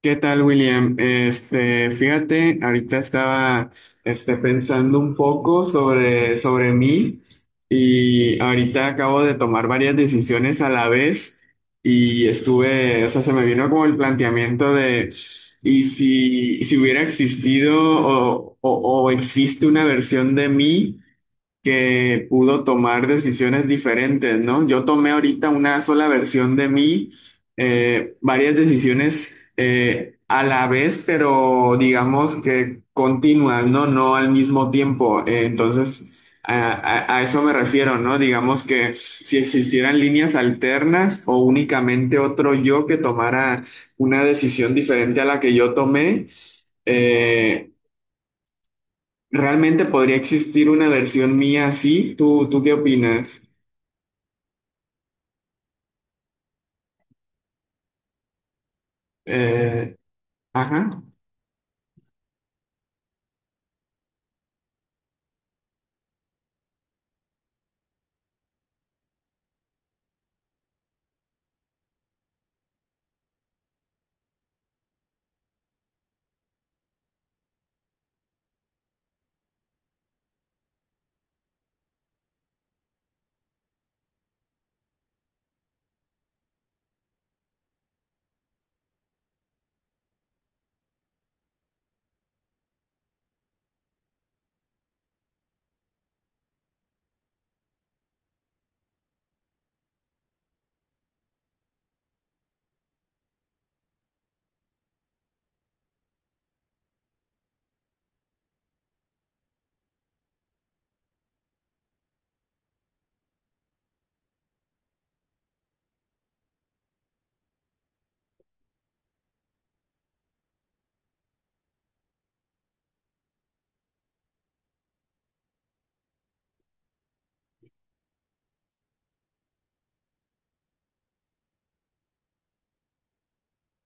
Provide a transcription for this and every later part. ¿Qué tal, William? Fíjate, ahorita estaba, pensando un poco sobre mí. Y ahorita acabo de tomar varias decisiones a la vez y estuve, o sea, se me vino como el planteamiento de: ¿y si hubiera existido o existe una versión de mí que pudo tomar decisiones diferentes, ¿no? Yo tomé ahorita una sola versión de mí, varias decisiones a la vez, pero digamos que continuas, ¿no? No al mismo tiempo. Entonces, a eso me refiero, ¿no? Digamos que si existieran líneas alternas o únicamente otro yo que tomara una decisión diferente a la que yo tomé, eh, realmente podría existir una versión mía así. ¿Tú qué opinas? Eh, ajá.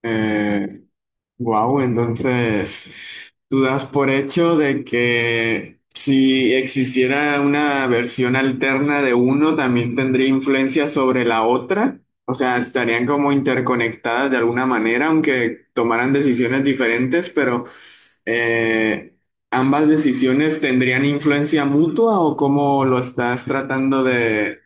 Eh, Wow, entonces tú das por hecho de que si existiera una versión alterna de uno, también tendría influencia sobre la otra. O sea, estarían como interconectadas de alguna manera, aunque tomaran decisiones diferentes, pero eh, ambas decisiones tendrían influencia mutua, o cómo lo estás tratando de...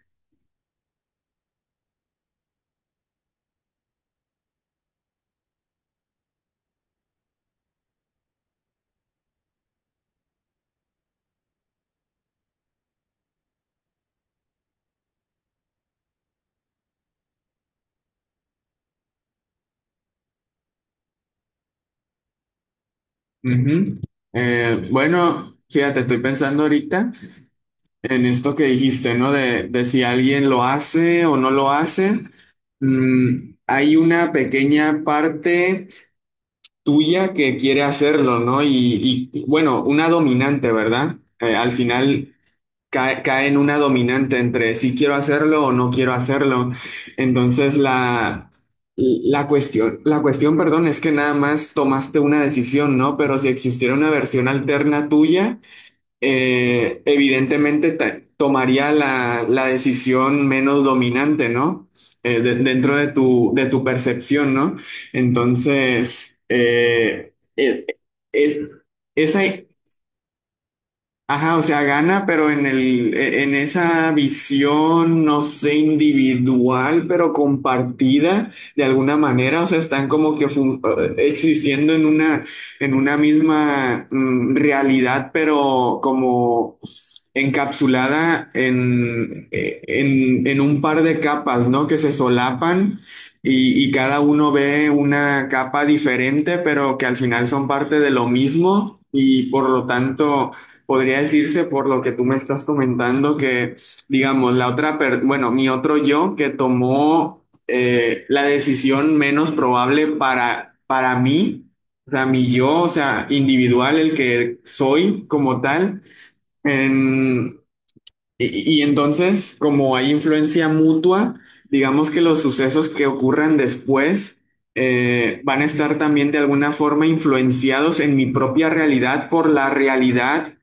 Ujú. Bueno, fíjate, estoy pensando ahorita en esto que dijiste, ¿no? De si alguien lo hace o no lo hace, hay una pequeña parte tuya que quiere hacerlo, ¿no? Bueno, una dominante, ¿verdad? Al final cae en una dominante entre si quiero hacerlo o no quiero hacerlo. Entonces perdón, es que nada más tomaste una decisión, ¿no? Pero si existiera una versión alterna tuya, evidentemente tomaría la decisión menos dominante, ¿no? Dentro de tu percepción, ¿no? Entonces, es- esa, ajá, o sea, gana, pero en en esa visión, no sé, individual, pero compartida de alguna manera. O sea, están como que existiendo en una misma realidad, pero como encapsulada en un par de capas, ¿no? Que se solapan y cada uno ve una capa diferente, pero que al final son parte de lo mismo y por lo tanto... Podría decirse, por lo que tú me estás comentando, que, digamos, la otra, bueno, mi otro yo que tomó, la decisión menos probable para mí, o sea, mi yo, o sea, individual, el que soy como tal, en- y entonces, como hay influencia mutua, digamos que los sucesos que ocurran después, van a estar también de alguna forma influenciados en mi propia realidad por la realidad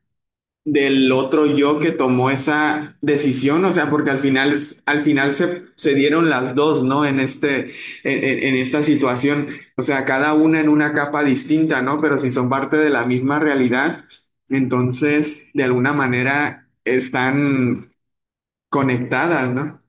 del otro yo que tomó esa decisión. O sea, porque al final, al final se dieron las dos, ¿no? En En esta situación, o sea, cada una en una capa distinta, ¿no? Pero si son parte de la misma realidad, entonces, de alguna manera, están conectadas, ¿no?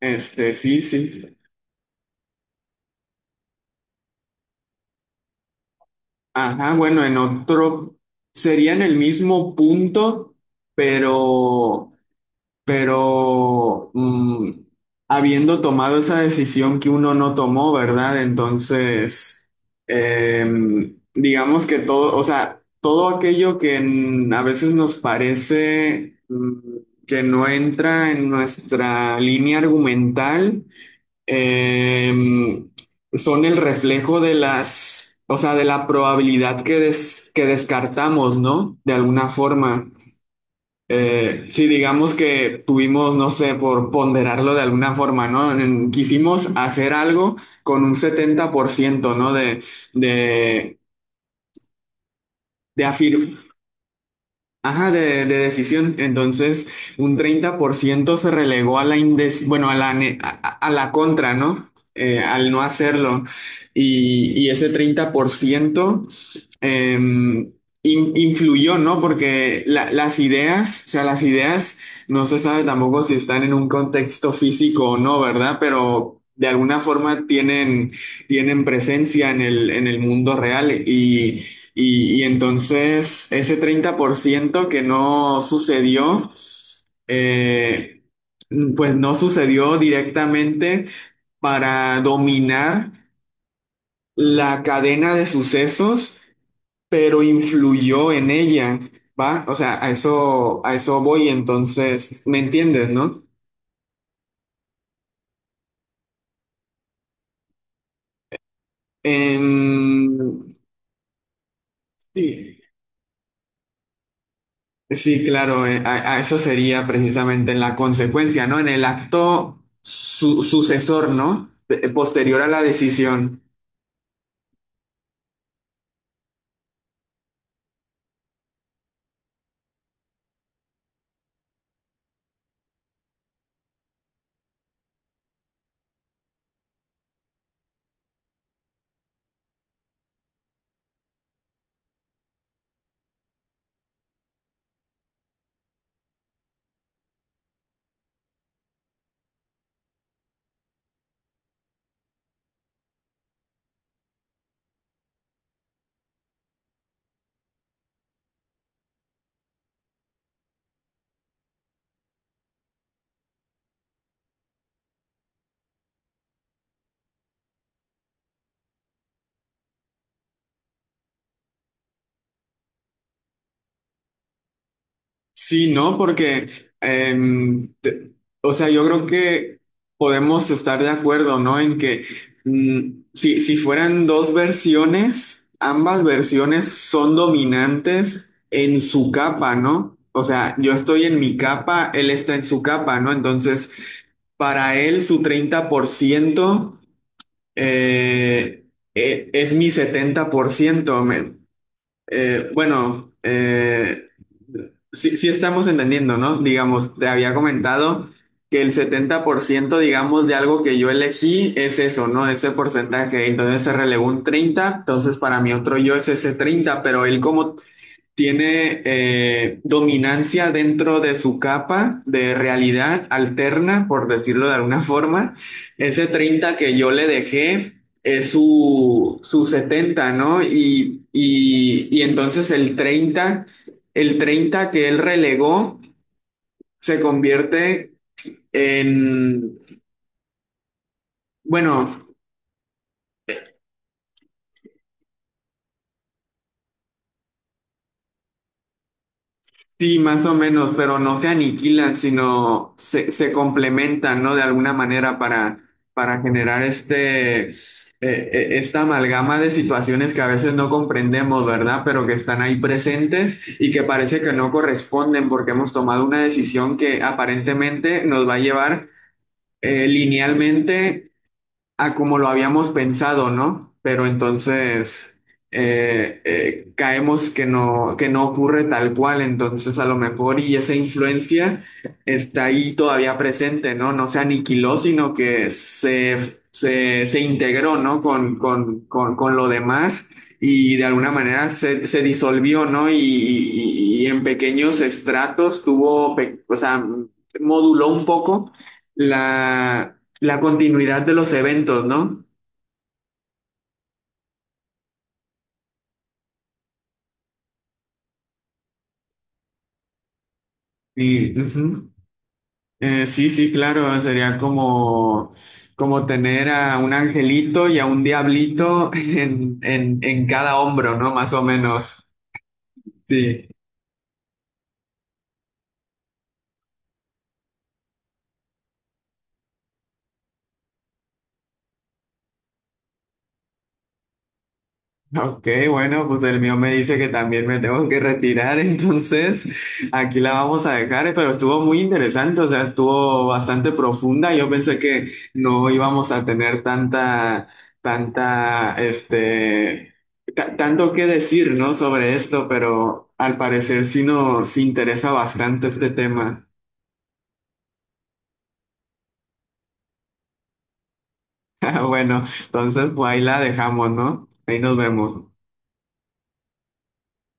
Sí, sí. Ajá, bueno, en otro... Sería en el mismo punto, pero... pero habiendo tomado esa decisión que uno no tomó, ¿verdad? Entonces, digamos que todo, o sea, todo aquello que, a veces nos parece, que no entra en nuestra línea argumental, em, son el reflejo de las, o sea, de la probabilidad que descartamos, ¿no? De alguna forma. Si digamos que tuvimos, no sé, por ponderarlo de alguna forma, ¿no? Quisimos hacer algo con un 70%, ¿no? De, de afir- Ajá, de decisión. Entonces, un 30% se relegó a la indes, bueno, a la, ne- a- la contra, ¿no? Al no hacerlo. Y ese 30% em, influyó, ¿no? Porque las ideas, o sea, las ideas, no se sabe tampoco si están en un contexto físico o no, ¿verdad? Pero de alguna forma tienen presencia en el mundo real. Y entonces ese 30% que no sucedió, eh, pues no sucedió directamente para dominar la cadena de sucesos, pero influyó en ella, ¿va? O sea, a eso voy, entonces, ¿me entiendes, no? Em, sí. Sí, claro, a eso sería precisamente en la consecuencia, ¿no? En el acto sucesor, ¿no? Posterior a la decisión. Sí, ¿no? Porque, em, te- o sea, yo creo que podemos estar de acuerdo, ¿no? En que, si fueran dos versiones, ambas versiones son dominantes en su capa, ¿no? O sea, yo estoy en mi capa, él está en su capa, ¿no? Entonces, para él su 30% eh, es mi 70%. Bueno, sí, sí estamos entendiendo, ¿no? Digamos, te había comentado que el 70%, digamos, de algo que yo elegí es eso, ¿no? Ese porcentaje. Entonces se relegó un 30, entonces para mí otro yo es ese 30, pero él, como tiene, dominancia dentro de su capa de realidad alterna, por decirlo de alguna forma. Ese 30 que yo le dejé es su 70, ¿no? Y entonces el treinta que él relegó se convierte en, bueno... Sí, más o menos, pero no se aniquilan, sino se complementan, ¿no? De alguna manera, para generar esta amalgama de situaciones que a veces no comprendemos, ¿verdad? Pero que están ahí presentes y que parece que no corresponden porque hemos tomado una decisión que aparentemente nos va a llevar linealmente a como lo habíamos pensado, ¿no? Pero entonces caemos que no ocurre tal cual. Entonces a lo mejor y esa influencia está ahí todavía presente, ¿no? No se aniquiló, sino que se integró, ¿no? Con lo demás, y de alguna manera se disolvió, ¿no? Y en pequeños estratos o sea, moduló un poco la la continuidad de los eventos, ¿no? Sí, ujú. Sí, sí, claro, sería como tener a un angelito y a un diablito en, en cada hombro, ¿no? Más o menos. Sí. Ok, bueno, pues el mío me dice que también me tengo que retirar, entonces aquí la vamos a dejar. Eh, pero estuvo muy interesante, o sea, estuvo bastante profunda. Yo pensé que no íbamos a tener tanta, este, tanto que decir, ¿no? Sobre esto, pero al parecer sí nos interesa bastante este tema. Bueno, entonces pues ahí la dejamos, ¿no? Ahí nos vemos.